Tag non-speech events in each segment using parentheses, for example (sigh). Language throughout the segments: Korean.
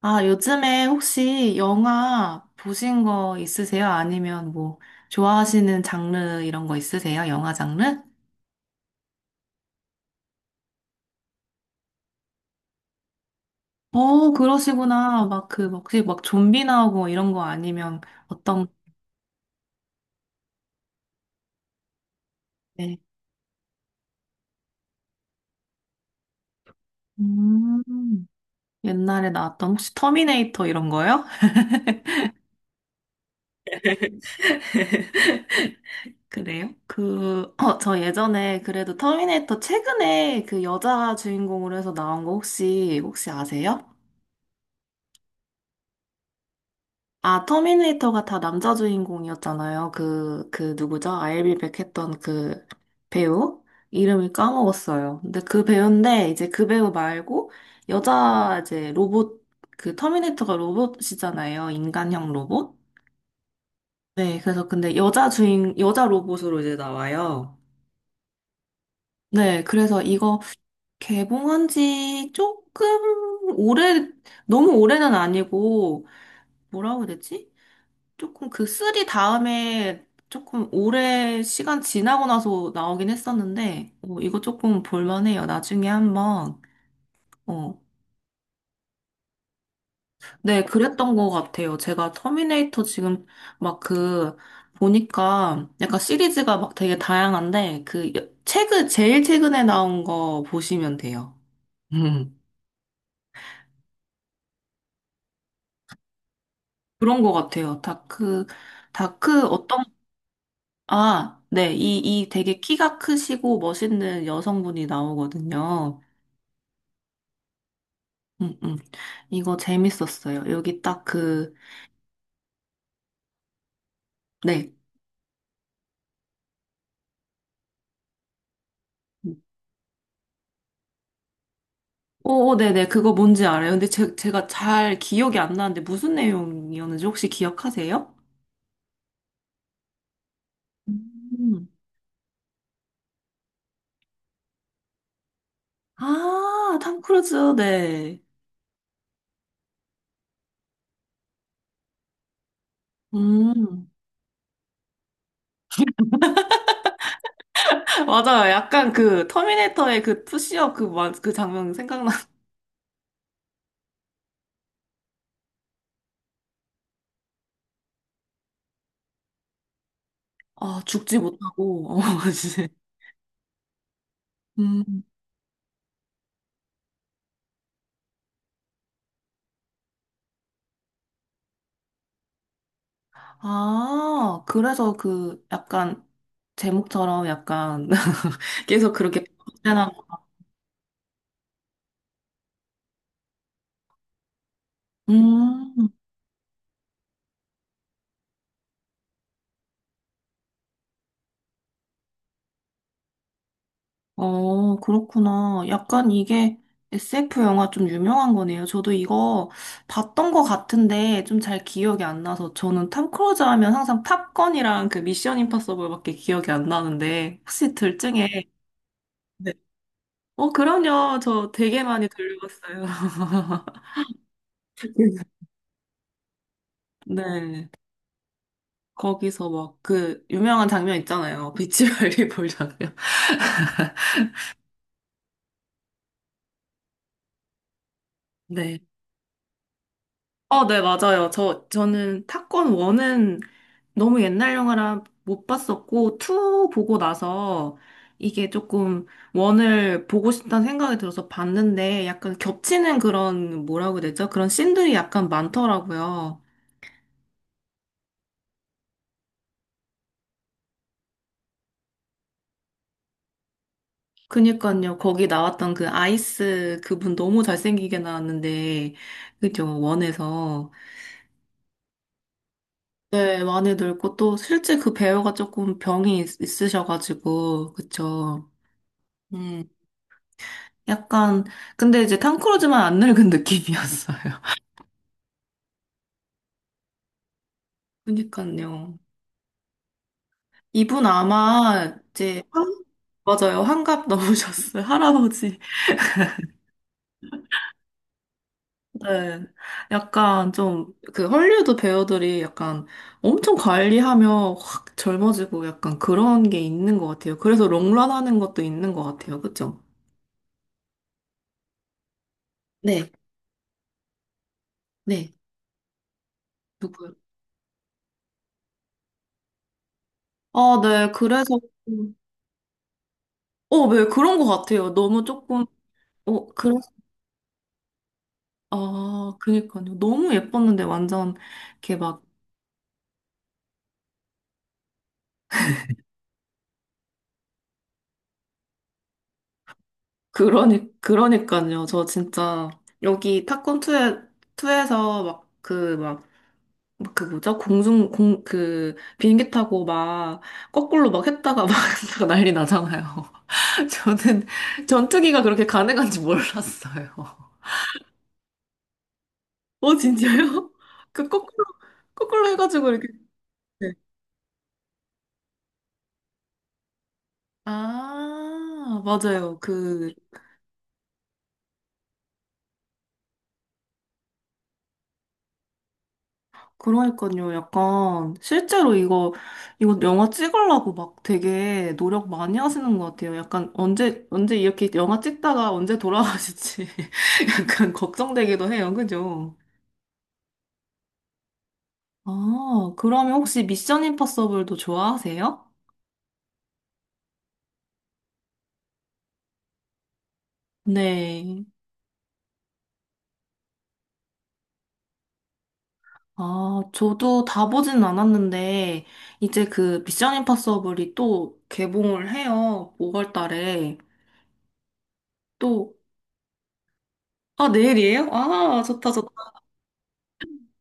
아, 요즘에 혹시 영화 보신 거 있으세요? 아니면 뭐 좋아하시는 장르 이런 거 있으세요? 영화 장르? 어, 그러시구나. 막 혹시 막 좀비 나오고 이런 거 아니면 어떤, 네. 음, 옛날에 나왔던 혹시 터미네이터 이런 거요? (laughs) 그래요? 저 예전에 그래도 터미네이터 최근에 그 여자 주인공으로 해서 나온 거 혹시 아세요? 아, 터미네이터가 다 남자 주인공이었잖아요. 그 누구죠? 아일비 백 했던 그 배우? 이름을 까먹었어요. 근데 그 배우인데, 이제 그 배우 말고, 여자 이제 로봇, 그 터미네이터가 로봇이잖아요. 인간형 로봇? 네, 그래서 근데 여자 로봇으로 이제 나와요. 네, 그래서 이거 개봉한 지 조금 오래, 너무 오래는 아니고, 뭐라고 해야 되지? 조금 그 쓰리 다음에 조금 오래 시간 지나고 나서 나오긴 했었는데, 이거 조금 볼만해요. 나중에 한번. 어. 네, 그랬던 것 같아요. 제가 터미네이터 지금 막 그, 보니까 약간 시리즈가 막 되게 다양한데, 제일 최근에 나온 거 보시면 돼요. (laughs) 음, 그런 것 같아요. 다크, 다크 어떤, 아, 네, 이 되게 키가 크시고 멋있는 여성분이 나오거든요. 음, 음. 이거 재밌었어요. 여기 딱 그, 네. 오, 네네. 그거 뭔지 알아요. 근데 제가 잘 기억이 안 나는데 무슨 내용이었는지 혹시 기억하세요? 음. 아, 탐 크루즈, 네. 음. (laughs) 맞아요. 약간 그 터미네이터의 그 푸시업 그 장면 생각나. 아, 죽지 못하고. 어, (laughs) 진짜. 음. 아, 그래서 그 약간 제목처럼 약간 (laughs) 계속 그렇게 음, 어, 그렇구나. 약간 이게 SF 영화 좀 유명한 거네요. 저도 이거 봤던 것 같은데 좀 잘 기억이 안 나서 저는 탐 크루즈 하면 항상 탑건이랑 그 미션 임파서블밖에 기억이 안 나는데 혹시 들증에 네. 어, 그럼요. 저 되게 많이 들려봤어요. (laughs) 네. 거기서 막 그 유명한 장면 있잖아요. 비치 발리볼 장면. 네. 어, 네, 맞아요. 저는 타건 원은 너무 옛날 영화라 못 봤었고, 투 보고 나서 이게 조금 원을 보고 싶다는 생각이 들어서 봤는데, 약간 겹치는 그런, 뭐라고 해야 되죠? 그런 씬들이 약간 많더라고요. 그니까요, 거기 나왔던 그 아이스 그분 너무 잘생기게 나왔는데, 그죠, 원에서. 네, 많이 늙고 또 실제 그 배우가 조금 병이 있으셔가지고, 그쵸. 음, 약간, 근데 이제 탐 크루즈만 안 늙은 느낌이었어요. 그니까요. 이분 아마 이제 한- 맞아요. 환갑 넘으셨어요. (laughs) 할아버지. 네. 약간 좀 그 헐리우드 배우들이 약간 엄청 관리하며 확 젊어지고 약간 그런 게 있는 것 같아요. 그래서 롱런 하는 것도 있는 것 같아요. 그쵸? 네. 네. 누구요? 아, 네. 그래서 좀- 어, 네. 그런 것 같아요. 너무 조금 어, 그래. 아, 그니까요. 너무 예뻤는데 완전 이렇게 막 그러니까요. 저 진짜, 여기 탑건 투에투에서 막 그 뭐죠? 비행기 타고 막, 거꾸로 막 했다가 막 (laughs) 했다가 난리 나잖아요. (laughs) 저는 전투기가 그렇게 가능한지 몰랐어요. 어, 진짜요? (laughs) 그, 거꾸로, 거꾸로 해가지고 이렇게. 네. 아, 맞아요. 그, 그러니까요. 약간 실제로 이거 영화 찍으려고 막 되게 노력 많이 하시는 것 같아요. 약간 언제 이렇게 영화 찍다가 언제 돌아가실지 (laughs) 약간 걱정되기도 해요. 그죠? 아, 그러면 혹시 미션 임파서블도 좋아하세요? 네. 아, 저도 다 보진 않았는데 이제 그 미션 임파서블이 또 개봉을 해요. 5월 달에. 또 아, 내일이에요? 아, 좋다, 좋다.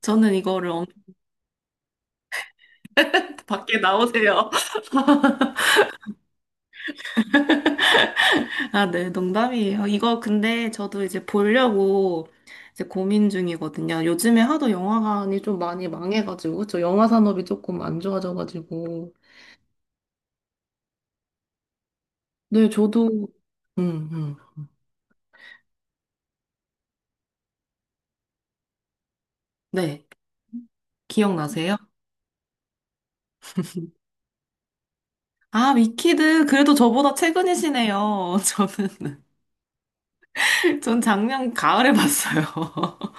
저는 이거를 밖에 나오세요. (laughs) 아, 네, 농담이에요. 이거 근데 저도 이제 보려고 이제 고민 중이거든요. 요즘에 하도 영화관이 좀 많이 망해가지고, 저 영화 산업이 조금 안 좋아져가지고. 네, 저도, 음, 음. 네, 기억나세요? 아, 위키드, 그래도 저보다 최근이시네요. (laughs) 저는, 전 작년 가을에 봤어요. (laughs)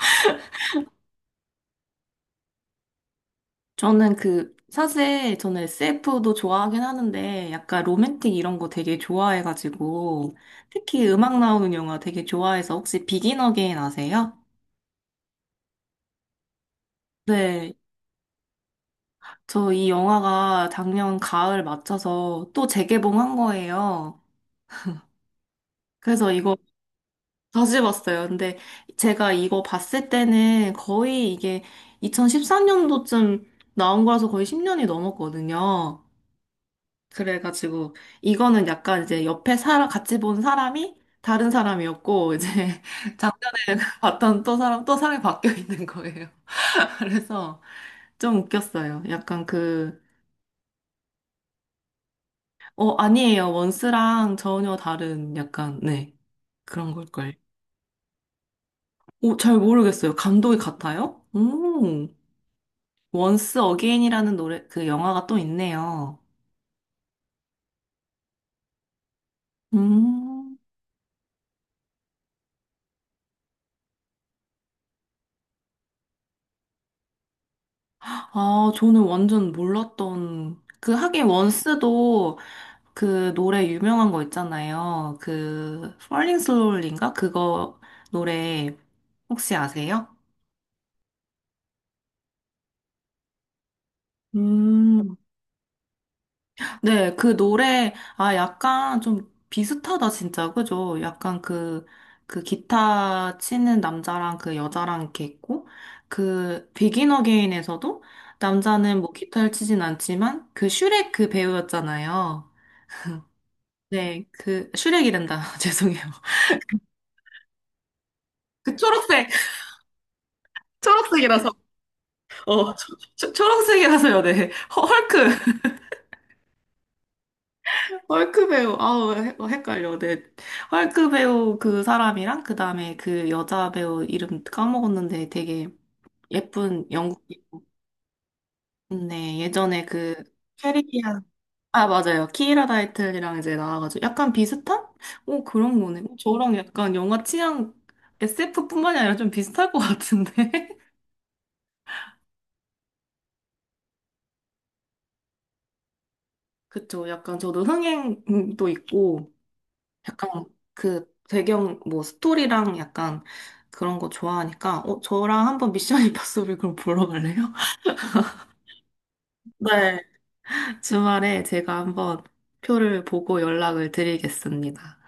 저는 그, 사실 저는 SF도 좋아하긴 하는데 약간 로맨틱 이런 거 되게 좋아해가지고 특히 음악 나오는 영화 되게 좋아해서 혹시 비긴 어게인 아세요? 네. 저 이 영화가 작년 가을 맞춰서 또 재개봉한 거예요. 그래서 이거 다시 봤어요. 근데 제가 이거 봤을 때는 거의 이게 2013년도쯤 나온 거라서 거의 10년이 넘었거든요. 그래가지고 이거는 약간 이제 옆에 사람 같이 본 사람이 다른 사람이었고 이제 (laughs) 작년에 (laughs) 봤던 또 사람이 바뀌어 있는 거예요. (laughs) 그래서 좀 웃겼어요. 약간 그, 어, 아니에요. 원스랑 전혀 다른 약간, 네, 그런 걸걸. 오, 잘 모르겠어요. 감독이 같아요? 원스 어게인이라는 노래, 그 영화가 또 있네요. 음, 아, 저는 완전 몰랐던, 그 하긴 원스도 그 노래 유명한 거 있잖아요. 그 Falling Slowly인가? 그거 노래 혹시 아세요? 음, 네, 그 노래 아 약간 좀 비슷하다 진짜. 그죠? 약간 그 기타 치는 남자랑 그 여자랑 이렇게 있고 그 비긴 어게인에서도 남자는 뭐 기타를 치진 않지만 그 슈렉 그 배우였잖아요. 네, 그 슈렉이란다. (laughs) 죄송해요. 그 초록색 초록색이라서 어, 초록색이 라서요, 네. 헐크, (laughs) 헐크 배우, 아우, 헷갈려, 네. 헐크 배우 그 사람이랑, 그 다음에 그 여자 배우 이름 까먹었는데 되게 예쁜 영국, 네, 예전에 그 캐리비안, 아, 맞아요. 키이라 다이틀이랑 이제 나와가지고 약간 비슷한? 오, 그런 거네. 오, 저랑 약간 영화 취향 SF뿐만이 아니라 좀 비슷할 것 같은데? (laughs) 그쵸. 약간 저도 흥행도 있고, 약간 그 배경 뭐 스토리랑 약간 그런 거 좋아하니까 어 저랑 한번 미션 임파서블 그럼 보러 갈래요? (laughs) 네. 주말에 제가 한번 표를 보고 연락을 드리겠습니다.